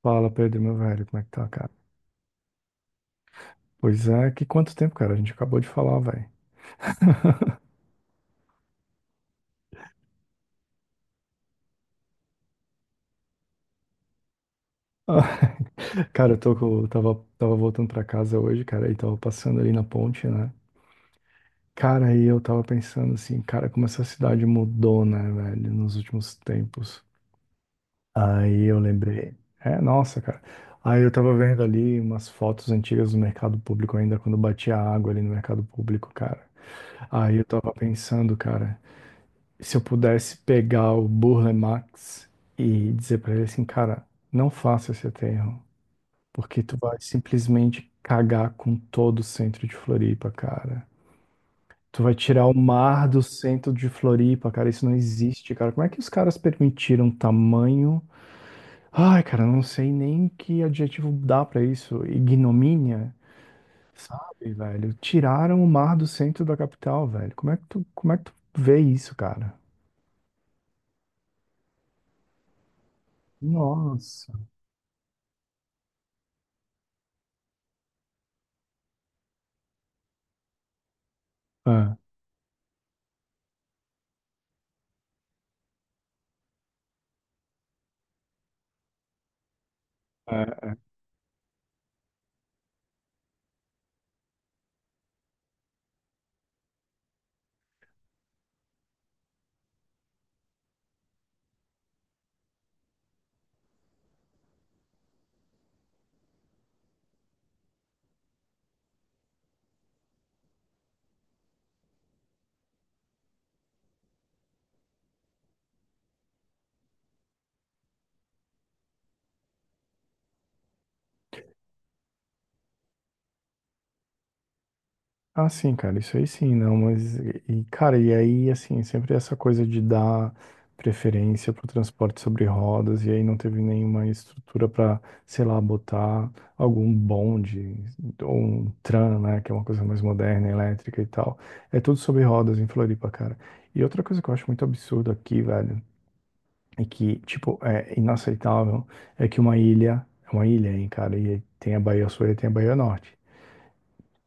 Fala, Pedro, meu velho, como é que tá, cara? Pois é, que quanto tempo, cara? A gente acabou de falar, velho. Cara, eu tava voltando pra casa hoje, cara, e tava passando ali na ponte, né? Cara, aí eu tava pensando assim, cara, como essa cidade mudou, né, velho, nos últimos tempos. Aí eu lembrei. É, nossa, cara. Aí eu tava vendo ali umas fotos antigas do mercado público ainda, quando batia água ali no mercado público, cara. Aí eu tava pensando, cara. Se eu pudesse pegar o Burle Marx e dizer pra ele assim, cara, não faça esse aterro, porque tu vai simplesmente cagar com todo o centro de Floripa, cara. Tu vai tirar o mar do centro de Floripa, cara, isso não existe, cara. Como é que os caras permitiram tamanho? Ai, cara, eu não sei nem que adjetivo dá pra isso. Ignomínia, sabe, velho? Tiraram o mar do centro da capital, velho. Como é que tu vê isso, cara? Nossa. É, é. Ah, sim, cara, isso aí sim, não, mas, e, cara, e aí, assim, sempre essa coisa de dar preferência para o transporte sobre rodas, e aí não teve nenhuma estrutura para, sei lá, botar algum bonde, ou um tram, né, que é uma coisa mais moderna, elétrica e tal. É tudo sobre rodas em Floripa, cara. E outra coisa que eu acho muito absurdo aqui, velho, é que, tipo, é inaceitável, é que uma ilha, é uma ilha, hein, cara, e tem a Baía Sul e tem a Baía Norte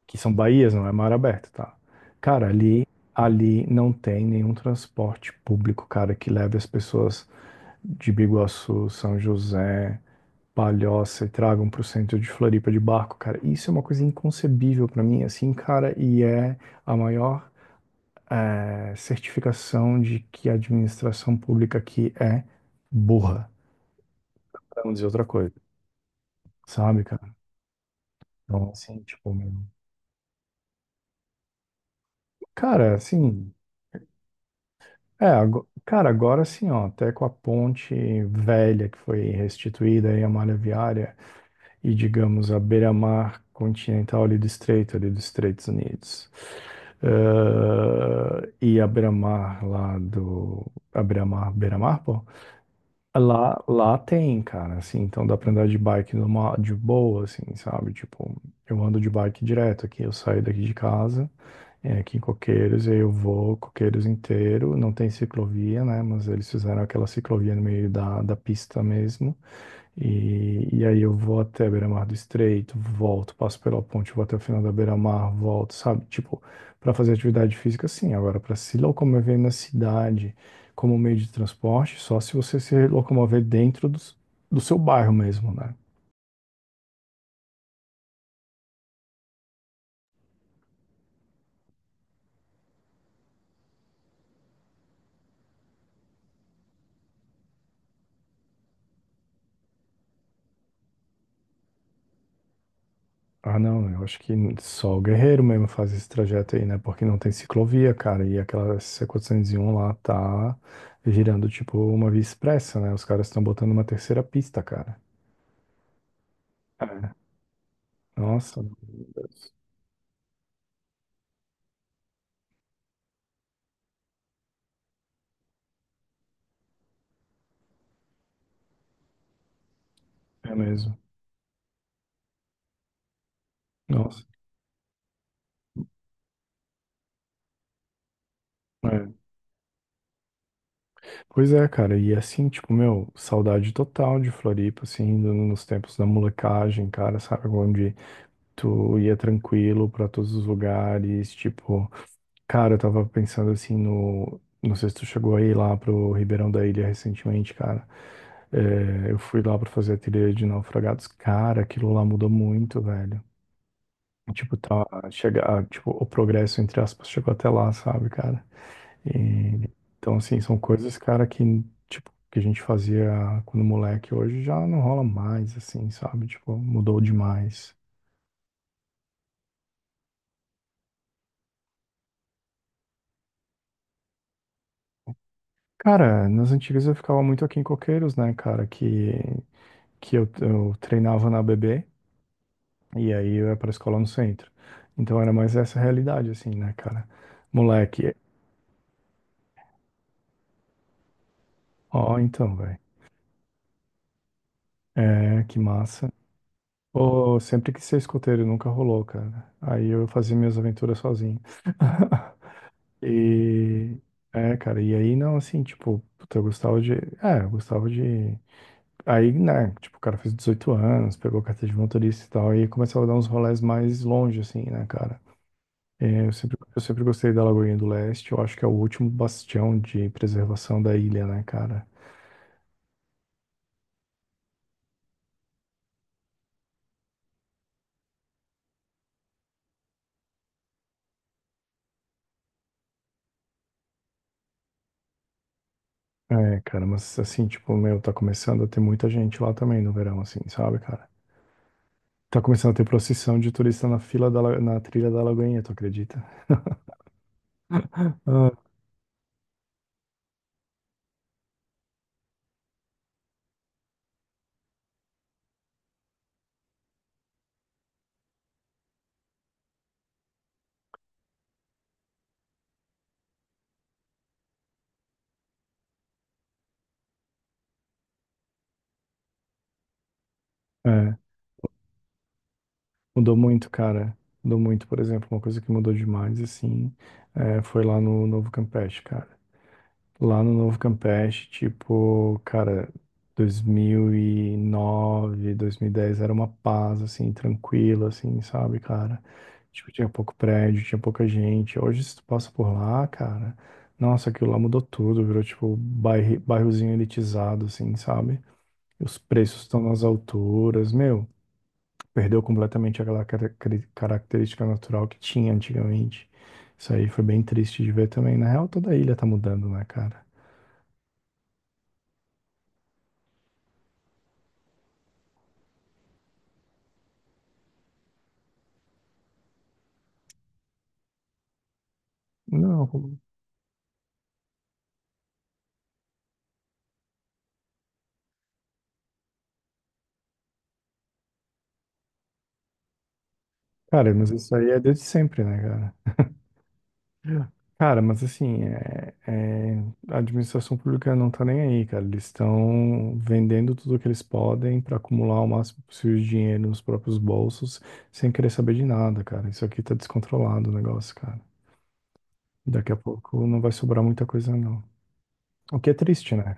que são baías, não é mar aberto, tá? Cara, ali não tem nenhum transporte público, cara, que leve as pessoas de Biguaçu, São José, Palhoça e tragam pro centro de Floripa de barco, cara. Isso é uma coisa inconcebível pra mim, assim, cara, e é a maior certificação de que a administração pública aqui é burra, pra não dizer outra coisa, sabe, cara? Então, assim, tipo, meu... Cara, assim. É, cara, agora sim, ó, até com a ponte velha que foi restituída aí, a malha viária, e digamos a beira-mar continental ali do estreito, ali dos Estados Unidos. E a beira-mar lá do. A beira-mar, beira-mar, pô? Lá tem, cara, assim, então dá pra andar de bike de boa, assim, sabe? Tipo, eu ando de bike direto aqui, eu saio daqui de casa, aqui em Coqueiros, e aí eu vou Coqueiros inteiro, não tem ciclovia, né? Mas eles fizeram aquela ciclovia no meio da, pista mesmo, e aí eu vou até Beira-Mar do Estreito, volto, passo pela ponte, vou até o final da Beira-Mar, volto, sabe? Tipo, pra fazer atividade física, sim, agora pra se locomover na cidade como meio de transporte, só se você se locomover dentro do seu bairro mesmo, né? Ah, não, eu acho que só o Guerreiro mesmo faz esse trajeto aí, né? Porque não tem ciclovia, cara, e aquela C401 lá tá girando tipo uma via expressa, né? Os caras estão botando uma terceira pista, cara. É. Nossa, meu Deus. É mesmo. Nossa. É. Pois é, cara, e assim, tipo, meu, saudade total de Floripa, assim, nos tempos da molecagem, cara, sabe, onde tu ia tranquilo pra todos os lugares, tipo, cara, eu tava pensando assim não sei se tu chegou aí lá pro Ribeirão da Ilha recentemente, cara. É, eu fui lá pra fazer a trilha de naufragados, cara, aquilo lá mudou muito, velho. Tipo, tá, chega, tipo, o progresso, entre aspas, chegou até lá, sabe, cara? E, então, assim, são coisas, cara, que, tipo, que a gente fazia quando moleque, hoje já não rola mais, assim, sabe? Tipo, mudou demais. Cara, nas antigas eu ficava muito aqui em Coqueiros, né, cara, que eu treinava na ABB e aí eu ia pra escola no centro. Então era mais essa realidade, assim, né, cara. Moleque, ó, então, velho. É, que massa. Ô, sempre quis ser escoteiro, nunca rolou, cara. Aí eu fazia minhas aventuras sozinho. E, cara, e aí não, assim, tipo, puta, eu gostava de Aí, né, tipo, o cara fez 18 anos, pegou a carteira de motorista e tal, e começava a dar uns rolés mais longe, assim, né, cara? É, eu sempre gostei da Lagoinha do Leste, eu acho que é o último bastião de preservação da ilha, né, cara? É, cara, mas assim, tipo, meu, tá começando a ter muita gente lá também no verão, assim, sabe, cara? Tá começando a ter procissão de turista na fila da, na trilha da Lagoinha, tu acredita? Ah, é, mudou muito, cara. Mudou muito, por exemplo, uma coisa que mudou demais, assim, foi lá no Novo Campeche, cara. Lá no Novo Campeche, tipo, cara, 2009, dez, era uma paz, assim, tranquila, assim, sabe, cara? Tipo, tinha pouco prédio, tinha pouca gente. Hoje, se tu passa por lá, cara, nossa, aquilo lá mudou tudo, virou, tipo, bairro, bairrozinho elitizado, assim, sabe? Os preços estão nas alturas, meu, perdeu completamente aquela característica natural que tinha antigamente. Isso aí foi bem triste de ver também. Na real, toda a ilha tá mudando, né, cara? Não, cara, mas isso aí é desde sempre, né, cara? Cara, mas assim, a administração pública não tá nem aí, cara. Eles estão vendendo tudo que eles podem para acumular o máximo possível de dinheiro nos próprios bolsos, sem querer saber de nada, cara. Isso aqui tá descontrolado o negócio, cara. Daqui a pouco não vai sobrar muita coisa, não. O que é triste, né?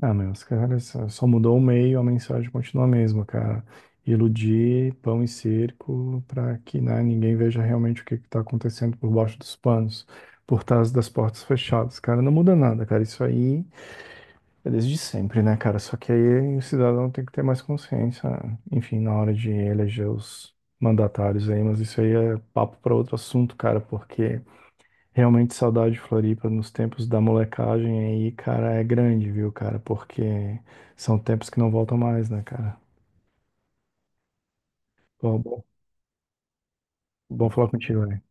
Ah, meu, os caras só mudou o meio, a mensagem continua a mesma, cara. Iludir pão e circo para que, né, ninguém veja realmente o que está acontecendo por baixo dos panos, por trás das portas fechadas. Cara, não muda nada, cara. Isso aí é desde sempre, né, cara? Só que aí o cidadão tem que ter mais consciência, enfim, na hora de eleger os mandatários aí, mas isso aí é papo para outro assunto, cara, porque. Realmente saudade de Floripa nos tempos da molecagem aí, cara, é grande, viu, cara? Porque são tempos que não voltam mais, né, cara? Bom, bom, bom falar contigo, velho.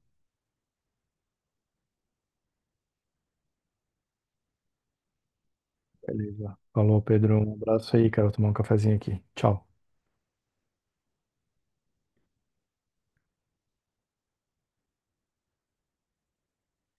Beleza. Falou, Pedro. Um abraço aí, cara. Vou tomar um cafezinho aqui. Tchau.